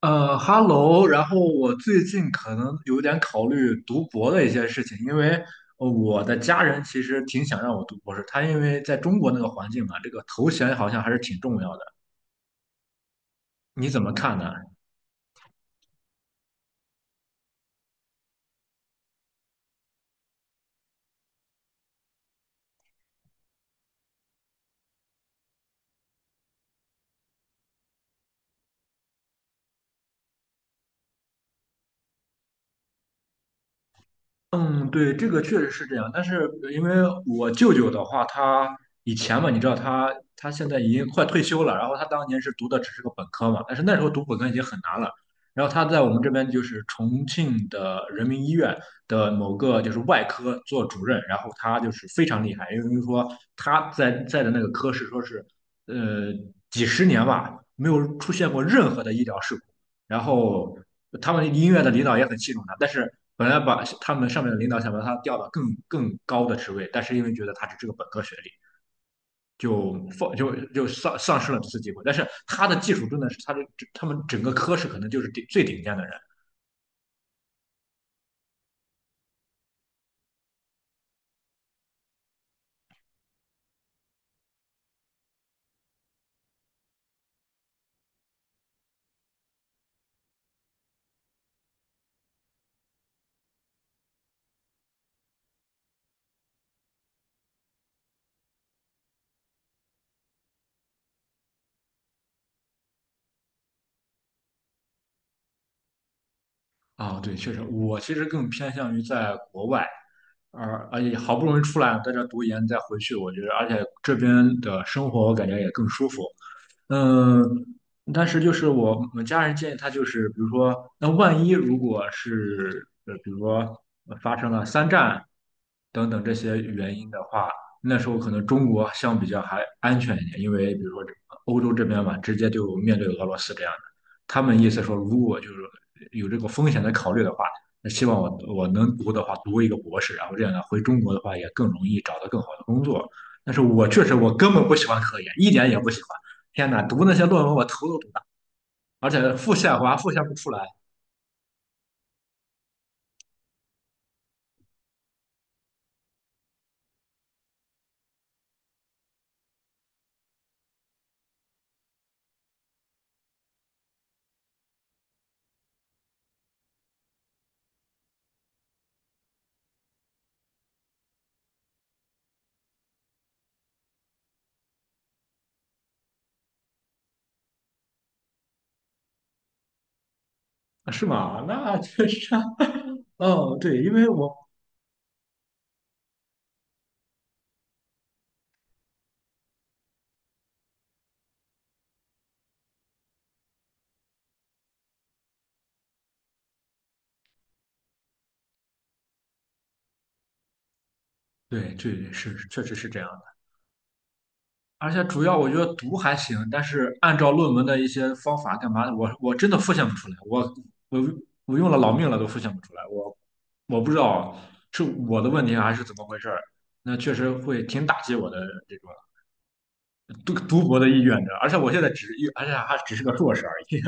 哈喽，然后我最近可能有点考虑读博的一些事情，因为我的家人其实挺想让我读博士，他因为在中国那个环境嘛，这个头衔好像还是挺重要的。你怎么看呢？嗯，对，这个确实是这样，但是因为我舅舅的话，他以前嘛，你知道他现在已经快退休了，然后他当年是读的只是个本科嘛，但是那时候读本科已经很难了，然后他在我们这边就是重庆的人民医院的某个就是外科做主任，然后他就是非常厉害，因为说他在的那个科室说是呃几十年吧，没有出现过任何的医疗事故。然后他们音乐的领导也很器重他，但是本来把他们上面的领导想把他调到更高的职位，但是因为觉得他只是个本科学历，就放就就丧丧失了这次机会。但是他的技术真的是他们整个科室可能就是最顶尖的人。啊，对，确实，我其实更偏向于在国外。而且好不容易出来，在这读研再回去，我觉得，而且这边的生活我感觉也更舒服。嗯，但是就是我家人建议他，就是比如说，那万一如果是比如说发生了三战等等这些原因的话，那时候可能中国相比较还安全一点，因为比如说这欧洲这边嘛，直接就面对俄罗斯这样的。他们意思说，如果就是有这个风险的考虑的话，那希望我能读的话，读一个博士，然后这样呢，回中国的话也更容易找到更好的工作。但是我确实我根本不喜欢科研，一点也不喜欢。天呐，读那些论文我头都读大，而且复现我还复现不出来，啊是吗？那确实啊，哦，对，因为我。对对，是确实是这样的，而且主要我觉得读还行，但是按照论文的一些方法干嘛的，我真的复现不出来，我我用了老命了都复现不出来，我不知道是我的问题还是怎么回事儿，那确实会挺打击我的这个读博的意愿的，而且还只是个硕士而已。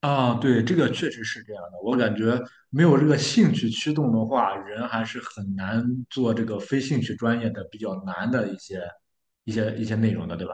啊，对，这个确实是这样的。我感觉没有这个兴趣驱动的话，人还是很难做这个非兴趣专业的比较难的一些内容的，对吧？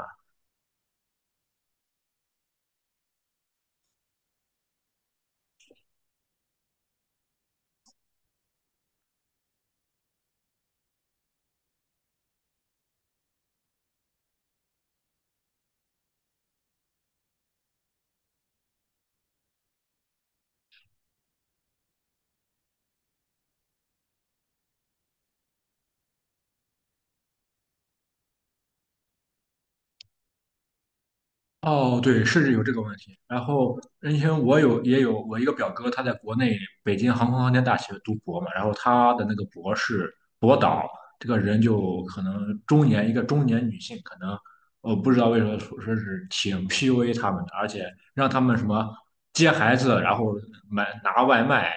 哦，对，是有这个问题。然后，因为我有也有我一个表哥，他在国内北京航空航天大学读博嘛，然后他的那个博士博导这个人就可能一个中年女性，可能我不知道为什么说是挺 PUA 他们的，而且让他们什么接孩子，然后拿外卖、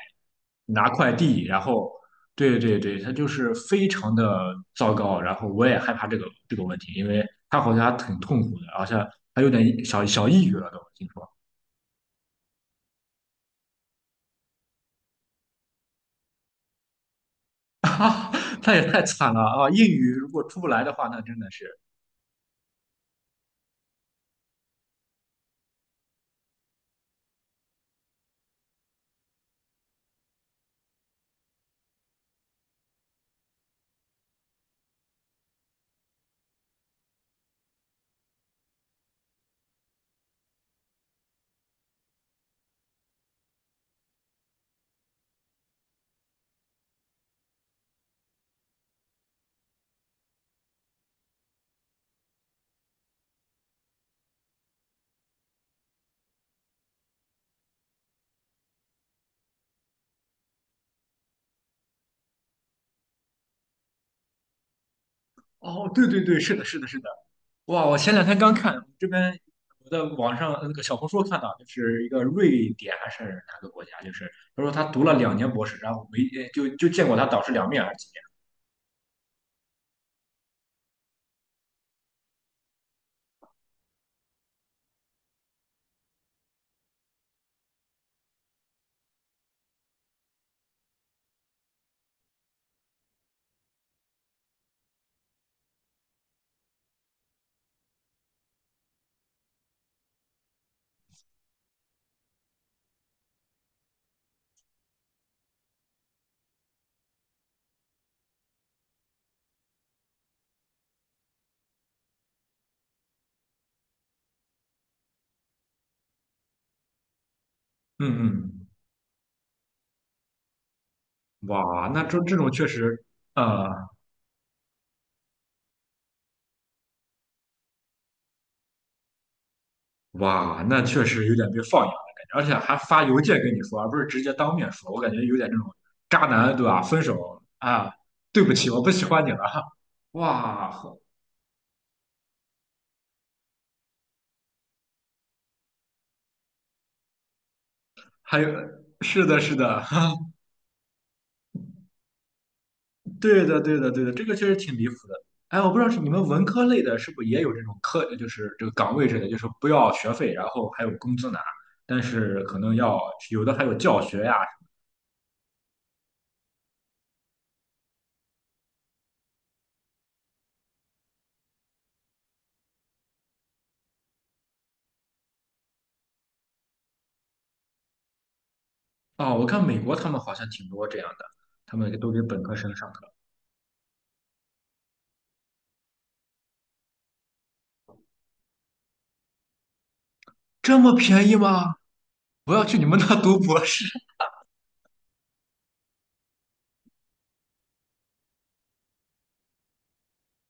拿快递，然后对对对，他就是非常的糟糕，然后我也害怕这个问题，因为他好像还挺痛苦的，好像还有点小小抑郁了都，听说。他也太惨了啊！抑郁如果出不来的话，那真的是……哦，对对对，是的，是的，是的，哇！我前2天刚看这边，我在网上那个小红书看到，就是一个瑞典还是哪个国家，就是他说他读了2年博士，然后没就见过他导师2面还是几面？嗯嗯，哇，那这种确实，呃。哇，那确实有点被放养的感觉，而且还发邮件跟你说，而不是直接当面说，我感觉有点这种渣男，对吧？分手啊，对不起，我不喜欢你了。哈，哇，还有，是的，是的，对的，对的，对的，这个确实挺离谱的。哎，我不知道是你们文科类的，是不是也有这种课，就是这个岗位之类的，就是不要学费，然后还有工资拿，但是可能要有的还有教学呀。哦，我看美国他们好像挺多这样的，他们都给本科生上课，这么便宜吗？我要去你们那读博士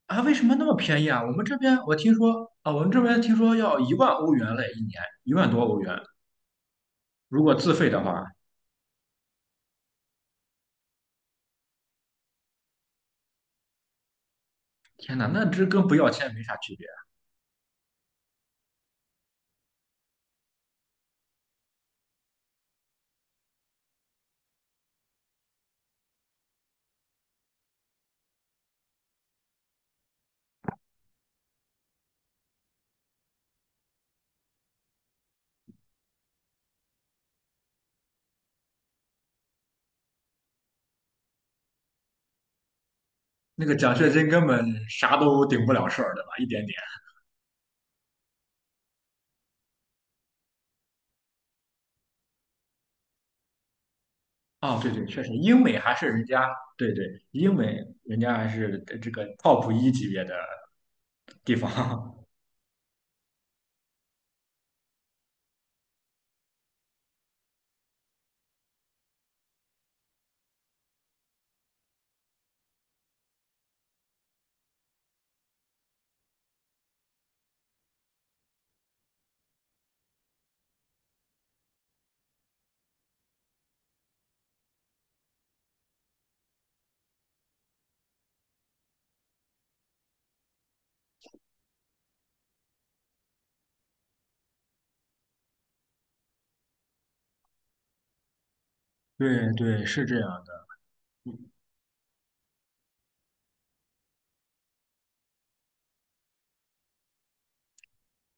啊，为什么那么便宜啊？我们这边我听说啊，我们这边听说要1万欧元嘞，1年1万多欧元，如果自费的话，天哪，那这跟不要钱没啥区别。那个奖学金根本啥都顶不了事儿，对吧？一点点。哦，对对，确实，英美还是人家，对对，英美人家还是这个 top 一级别的地方。对对，是这样的。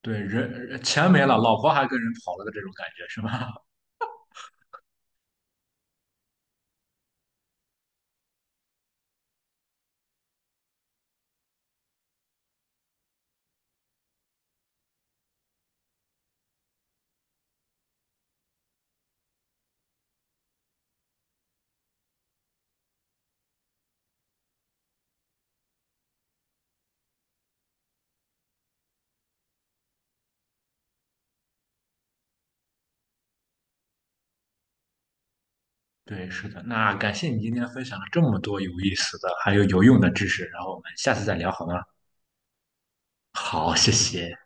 对，人钱没了，老婆还跟人跑了的这种感觉是吧？对，是的。那感谢你今天分享了这么多有意思的，还有有用的知识，然后我们下次再聊好吗？好，谢谢。